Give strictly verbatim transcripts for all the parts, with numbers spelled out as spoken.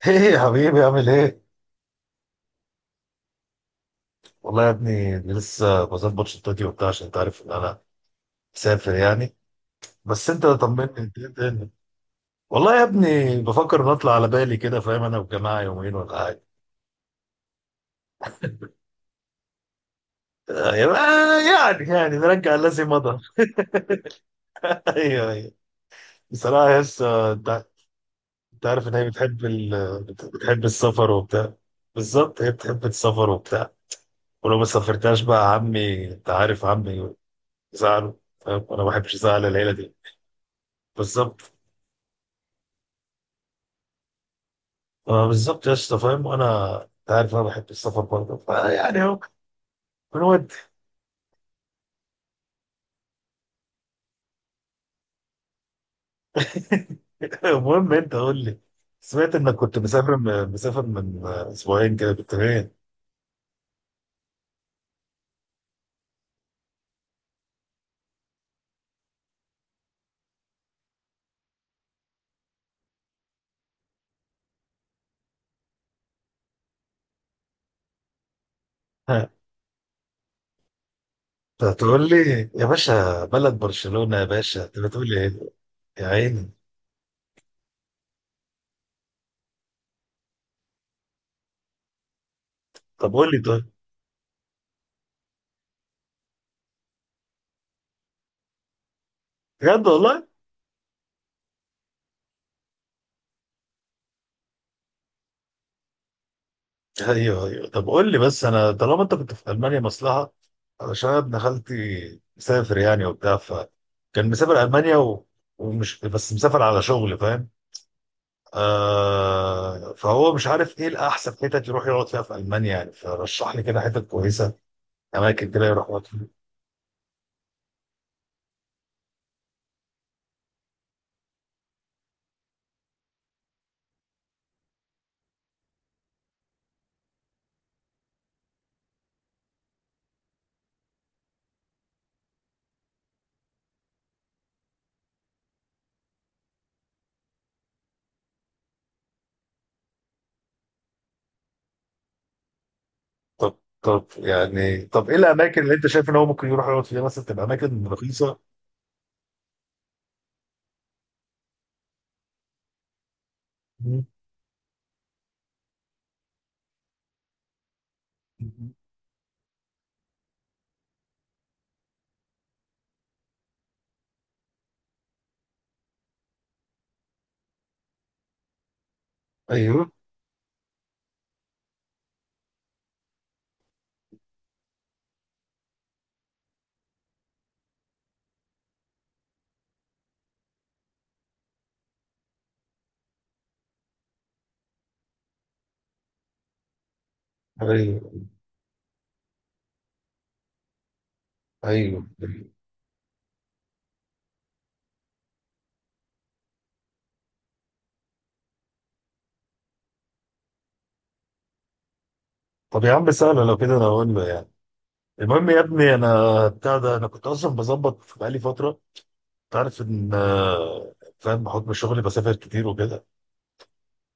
ايه يا حبيبي عامل ايه؟ والله يا ابني لسه بظبط شنطتي وبتاع عشان انت عارف ان انا مسافر يعني. بس انت طمني، انت إيه الدنيا؟ والله يا ابني بفكر نطلع على بالي كده، فاهم، انا والجماعه يومين ولا حاجه. آه، يعني يعني نرجع الذي مضى. ايوه ايوه، بصراحه لسه انت أنت عارف ان هي بتحب ال... بت- بتحب السفر وبتاع. بالظبط، هي بتحب السفر وبتاع، ولو ما سافرتهاش بقى عمي انت عارف عمي زعله، فاهم، انا ما بحبش ازعل العيله دي. بالظبط. آه بالظبط يا اسطى، فاهم، وانا انت عارف انا بحب السفر برضه فيعني اهو بنود. المهم انت قول لي، سمعت انك كنت مسافر من مسافر من آه، اسبوعين كده كنت فين؟ ها، انت تقول لي يا باشا بلد برشلونة؟ يا باشا انت بتقول لي ايه. يا عيني. طب قول لي طيب. بجد والله؟ ايوه ايوه، طب قول لي بس، انا طالما انت كنت في المانيا مصلحة، علشان أنا ابن خالتي مسافر يعني وبتاع، فكان مسافر المانيا و... ومش بس مسافر على شغل، فاهم. آه فهو مش عارف ايه الاحسن حتت يروح يقعد فيها في المانيا، يعني فرشح لي كده حتت كويسه، اماكن كده يروح يقعد فيها. طب طب يعني طب ايه الاماكن اللي انت شايف ان هو ممكن يروح يقعد فيها، مثلا تبقى اماكن رخيصه. مم. ايوه ايوه. ايوه طب يا عم، سهله، لو كده انا اقول له يعني. المهم يا ابني، انا بتاع ده انا كنت اصلا بظبط بقالي فتره، تعرف ان، آه، فاهم، بحكم شغلي بسافر كتير وكده.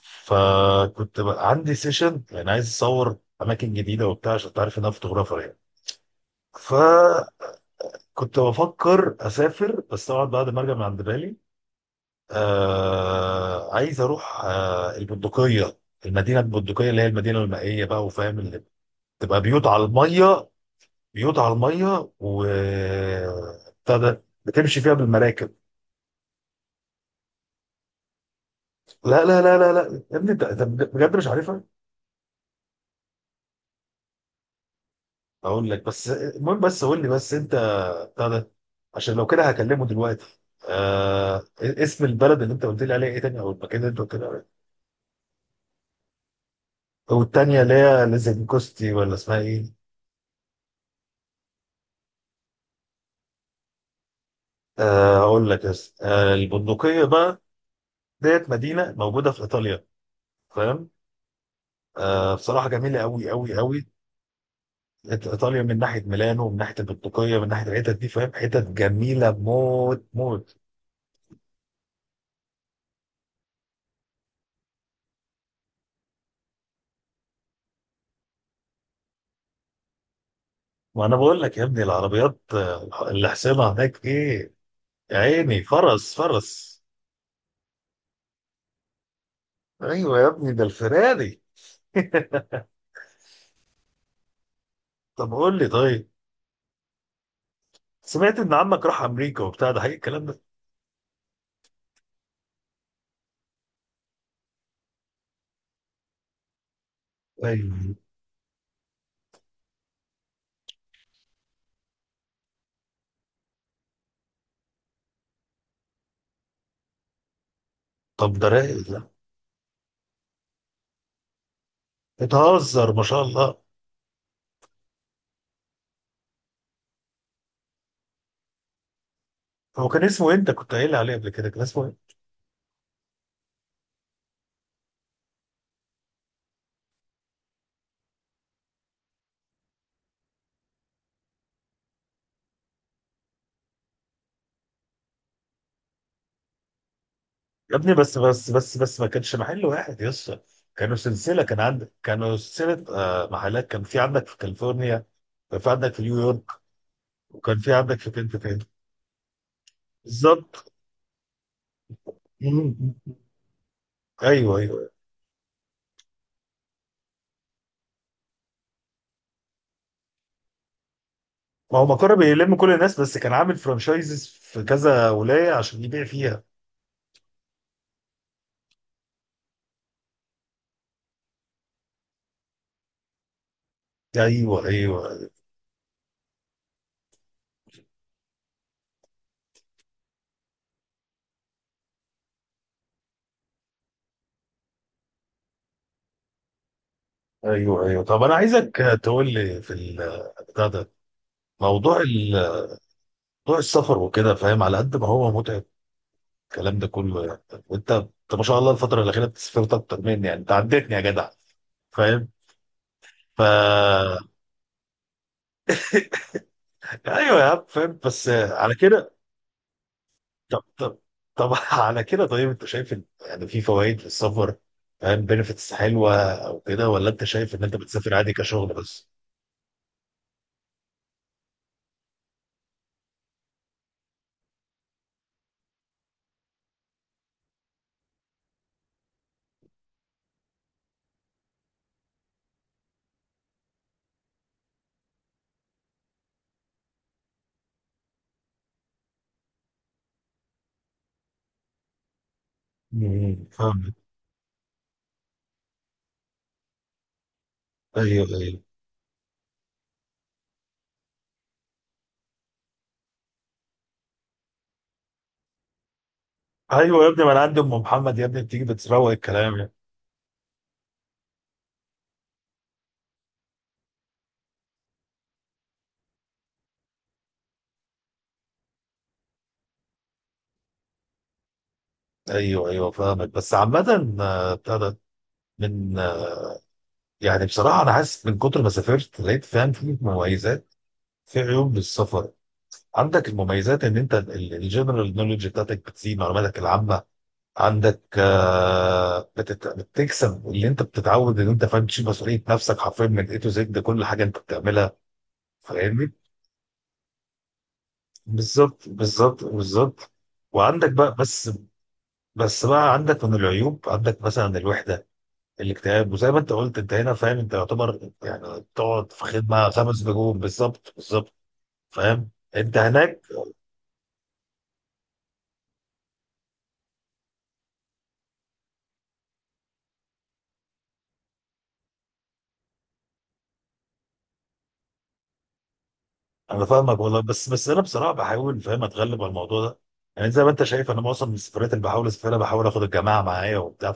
فكنت بقى عندي سيشن، يعني عايز اصور اماكن جديده وبتاع عشان تعرف ان انا فوتوغرافر يعني. فكنت بفكر اسافر، بس طبعا بعد ما ارجع من عند بالي. آه عايز اروح آه البندقيه، المدينه البندقيه اللي هي المدينه المائيه بقى، وفاهم، اللي تبقى بيوت على الميه، بيوت على الميه و بتاع ده بتمشي فيها بالمراكب. لا لا لا لا لا يا ابني، انت أنت بجد مش عارفها. اقول لك، بس المهم بس قول لي بس انت، بتاع ده، عشان لو كده هكلمه دلوقتي. آه اسم البلد اللي انت قلت لي عليها ايه تاني، او المكان اللي انت قلت لي عليه، او التانية اللي هي ليزنكوستي ولا اسمها ايه. آه اقول لك، بس آه البندقية بقى ديت، مدينة موجودة في ايطاليا، فاهم. آه بصراحة جميلة قوي قوي قوي. إيط- ايطاليا، من ناحية ميلانو، من ناحية البندقية، من ناحية الحتت دي، فاهم، حتت جميلة موت موت. ما انا بقول لك يا ابني، العربيات آه، اللي حسينها هناك ايه، يا عيني، فرس فرس. ايوه يا ابني، ده الفراري. طب قول لي طيب، سمعت ان عمك راح امريكا وبتاع، ده حقيقي الكلام ده؟ ايوه طب ده رايق ده. بتهزر، ما شاء الله. هو كان اسمه إيه؟ انت كنت قايل لي عليه قبل كده، كان اسمه ايه. يا ابني بس بس بس بس، ما كانش محل واحد يا اسطى، كانوا سلسله، كان عندك كانوا سلسله آه محلات، كان في عندك في كاليفورنيا، كان في عندك في نيويورك، وكان في عندك في فين في فين. بالظبط. مم. ايوه ايوه. ما هو مقر بيلم كل الناس، بس كان عامل فرانشايزز في كذا ولاية عشان يبيع فيها. ايوه ايوه. ايوه ايوه، طب انا عايزك تقول لي في ال- بتاع ده، موضوع ال- موضوع السفر وكده، فاهم، على قد ما هو متعب الكلام ده كله يعني، وانت انت ما شاء الله الفترة الأخيرة بتسافرت أكتر مني يعني، انت عدتني يا جدع، فاهم فا ايوه يا عم، فاهم، بس على كده طب طب طب. على كده طيب، انت شايف ان يعني في فوائد للسفر، فاهم، بنفيتس حلوه او كده، ولا انت شايف ان انت بتسافر عادي كشغل بس؟ امم فاهمك. ايوه ايوه. ايوه يا ابني، ما انا عندي ام محمد يا ابني، بتيجي بتروق الكلام يعني. ايوه ايوه فاهمك، بس عامة، آه، بتاع ده، من، آه، يعني بصراحة انا حاسس من كتر ما سافرت لقيت، فاهم، في مميزات، في عيوب للسفر. عندك المميزات ان انت الجنرال نولج بتاعتك بتزيد، معلوماتك العامة عندك، آه، بتت... بتكسب اللي انت بتتعود ان انت، فاهم، تشيل مسؤوليه نفسك حرفيا من اي تو زد، ده كل حاجه انت بتعملها، فاهمني. بالظبط بالظبط بالظبط. وعندك بقى بس بس بقى عندك من العيوب، عندك مثلا الوحده، الاكتئاب، وزي ما انت قلت، انت هنا فاهم، انت يعتبر يعني تقعد في خدمه خمس نجوم، بالظبط بالظبط، فاهم. انت هناك انا فاهمك والله، بس بس انا بصراحه بحاول، فاهم، اتغلب على الموضوع ده، يعني زي ما انت شايف، انا معظم السفرات اللي بحاول اسافرها بحاول اخد الجماعه معايا وبتاع.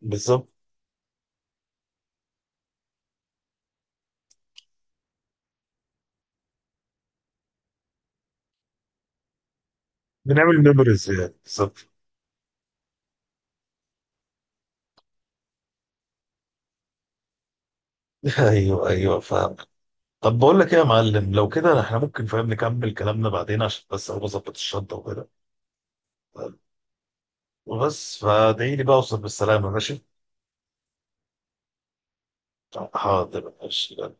بالظبط، بنعمل ميموريز يعني، بالظبط. ايوه ايوه فاهم. طب بقول لك ايه يا معلم، لو كده احنا ممكن، فاهم، نكمل كلامنا بعدين عشان بس اقوم اظبط الشنطه وكده. طيب، وبس فادعي لي بقى اوصل بالسلامه، ماشي؟ حاضر، ماشي.